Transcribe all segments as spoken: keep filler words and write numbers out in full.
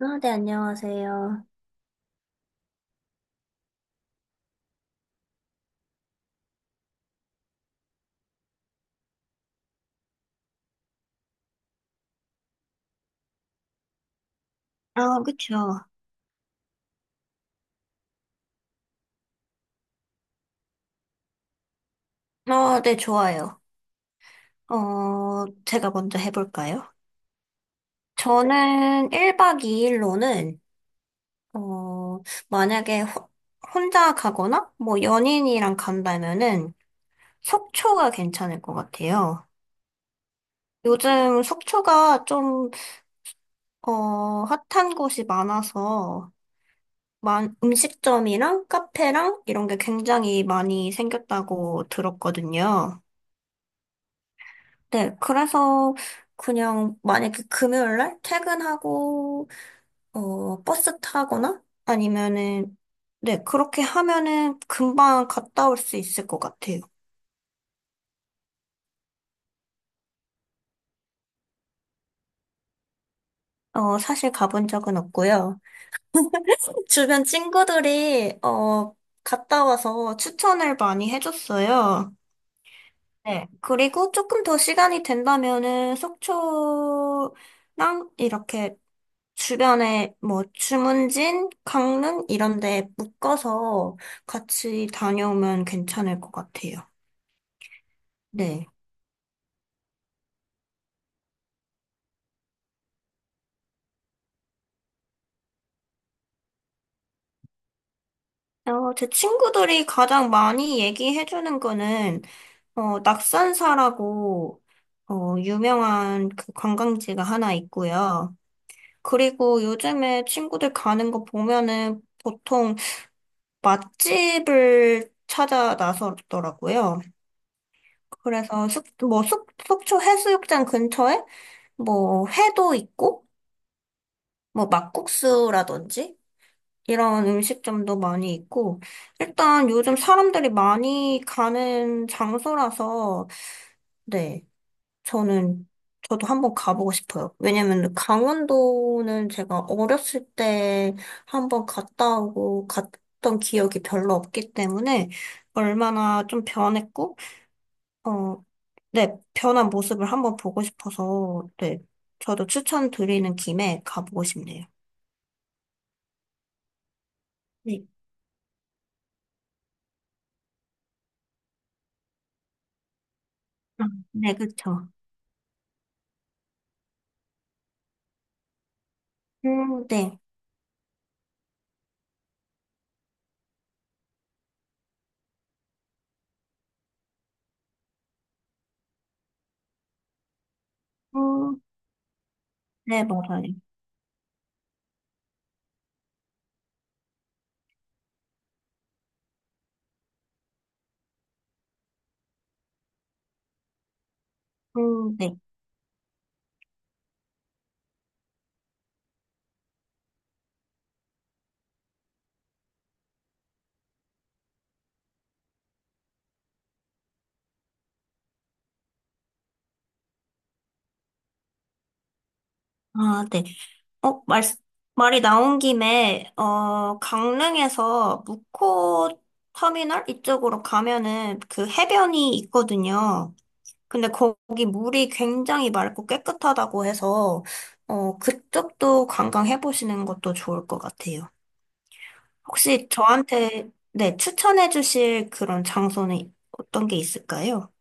아, 네, 안녕하세요. 아, 그쵸. 어, 네, 좋아요. 어, 제가 먼저 해볼까요? 저는 일 박 이 일로는, 어, 만약에 호- 혼자 가거나, 뭐, 연인이랑 간다면은, 속초가 괜찮을 것 같아요. 요즘 속초가 좀, 어, 핫한 곳이 많아서, 만, 음식점이랑 카페랑 이런 게 굉장히 많이 생겼다고 들었거든요. 네, 그래서 그냥 만약에 금요일 날 퇴근하고 어 버스 타거나 아니면은 네, 그렇게 하면은 금방 갔다 올 수 있을 것 같아요. 어 사실 가본 적은 없고요. 주변 친구들이 어 갔다 와서 추천을 많이 해줬어요. 네, 그리고 조금 더 시간이 된다면은 속초랑 이렇게 주변에 뭐 주문진, 강릉 이런 데 묶어서 같이 다녀오면 괜찮을 것 같아요. 네. 어, 제 친구들이 가장 많이 얘기해주는 거는, 어, 낙산사라고, 어, 유명한 그 관광지가 하나 있고요. 그리고 요즘에 친구들 가는 거 보면은 보통 맛집을 찾아 나서더라고요. 그래서 숙, 뭐 숙, 속초 해수욕장 근처에 뭐 회도 있고 뭐 막국수라든지 이런 음식점도 많이 있고 일단 요즘 사람들이 많이 가는 장소라서 네 저는 저도 한번 가보고 싶어요. 왜냐면 강원도는 제가 어렸을 때 한번 갔다 오고 갔던 기억이 별로 없기 때문에 얼마나 좀 변했고 어 네, 변한 모습을 한번 보고 싶어서, 네, 저도 추천드리는 김에 가보고 싶네요. 네, 아, 네, 그쵸. 음, 네, 음, 네, 맞아요. 음, 네. 아, 네. 어, 말, 말이 나온 김에, 어, 강릉에서 무코 터미널 이쪽으로 가면은 그 해변이 있거든요. 근데 거기 물이 굉장히 맑고 깨끗하다고 해서, 어, 그쪽도 관광해보시는 것도 좋을 것 같아요. 혹시 저한테 네, 추천해 주실 그런 장소는 어떤 게 있을까요?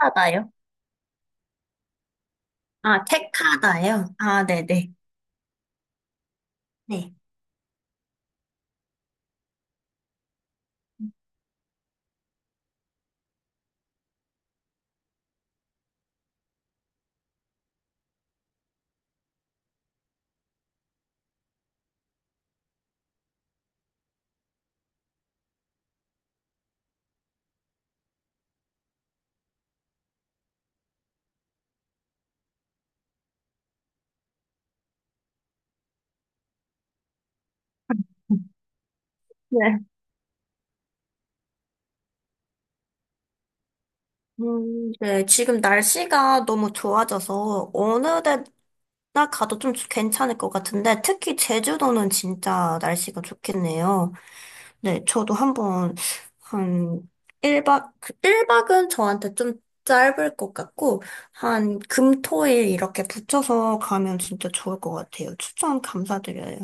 하다요? 아, 택하다요? 아, 네네. 네. 네. 음, 네, 지금 날씨가 너무 좋아져서 어느 데나 가도 좀 괜찮을 것 같은데 특히 제주도는 진짜 날씨가 좋겠네요. 네, 저도 한번 한 일 박, 일박은 저한테 좀 짧을 것 같고 한 금, 토, 일 이렇게 붙여서 가면 진짜 좋을 것 같아요. 추천 감사드려요.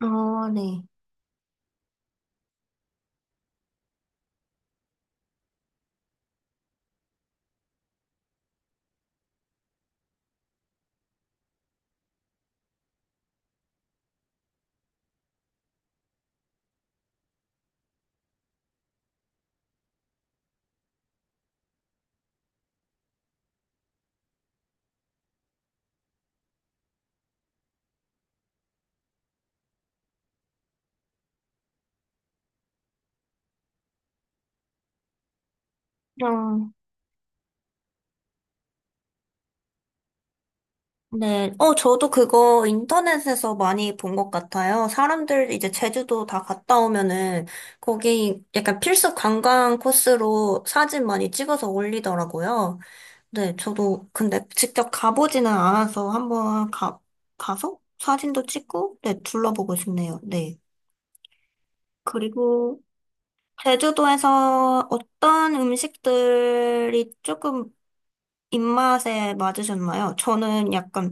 아, 네. 어, 네. 어, 저도 그거 인터넷에서 많이 본 것 같아요. 사람들 이제 제주도 다 갔다 오면은 거기 약간 필수 관광 코스로 사진 많이 찍어서 올리더라고요. 네, 저도 근데 직접 가보지는 않아서 한번 가, 가서 사진도 찍고, 네, 둘러보고 싶네요. 네. 그리고 제주도에서 어떤 음식들이 조금 입맛에 맞으셨나요? 저는 약간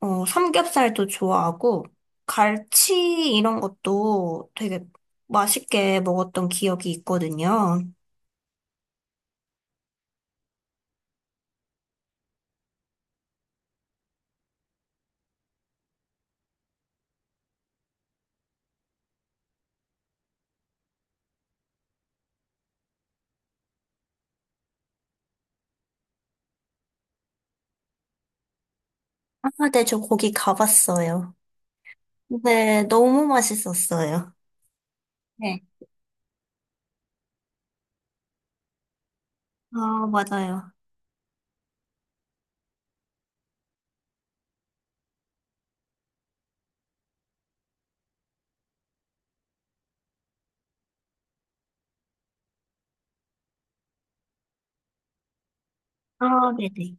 어, 삼겹살도 좋아하고, 갈치 이런 것도 되게 맛있게 먹었던 기억이 있거든요. 아, 네, 저 거기 가봤어요. 네, 너무 맛있었어요. 네. 아, 맞아요. 아, 네네.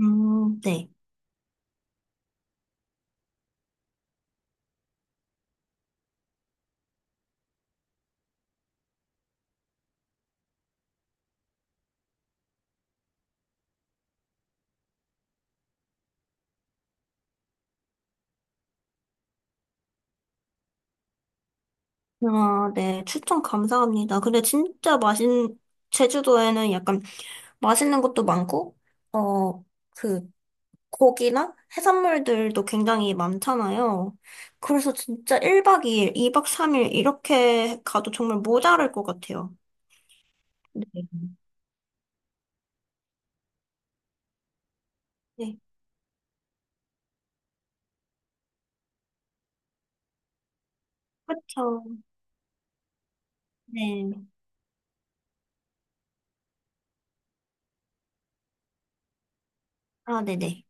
음, 네. 아, 네. 추천 감사합니다. 근데 진짜 맛있는, 제주도에는 약간 맛있는 것도 많고, 어, 그 고기나 해산물들도 굉장히 많잖아요. 그래서 진짜 일 박 이 일, 이 박 삼 일 이렇게 가도 정말 모자랄 것 같아요. 네. 네, 그렇죠. 네. 아, 네네.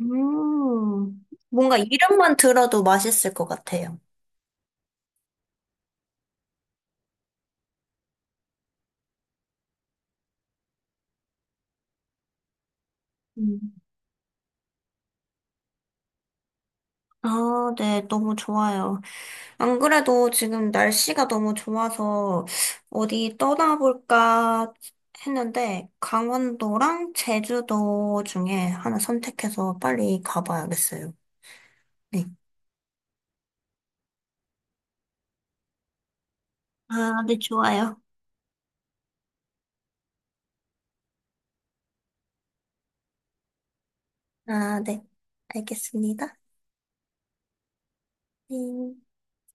음, 뭔가 이름만 들어도 맛있을 것 같아요. 음. 아, 네, 너무 좋아요. 안 그래도 지금 날씨가 너무 좋아서 어디 떠나볼까 했는데 강원도랑 제주도 중에 하나 선택해서 빨리 가봐야겠어요. 네. 아, 네, 좋아요. 아, 네. 알겠습니다. 네.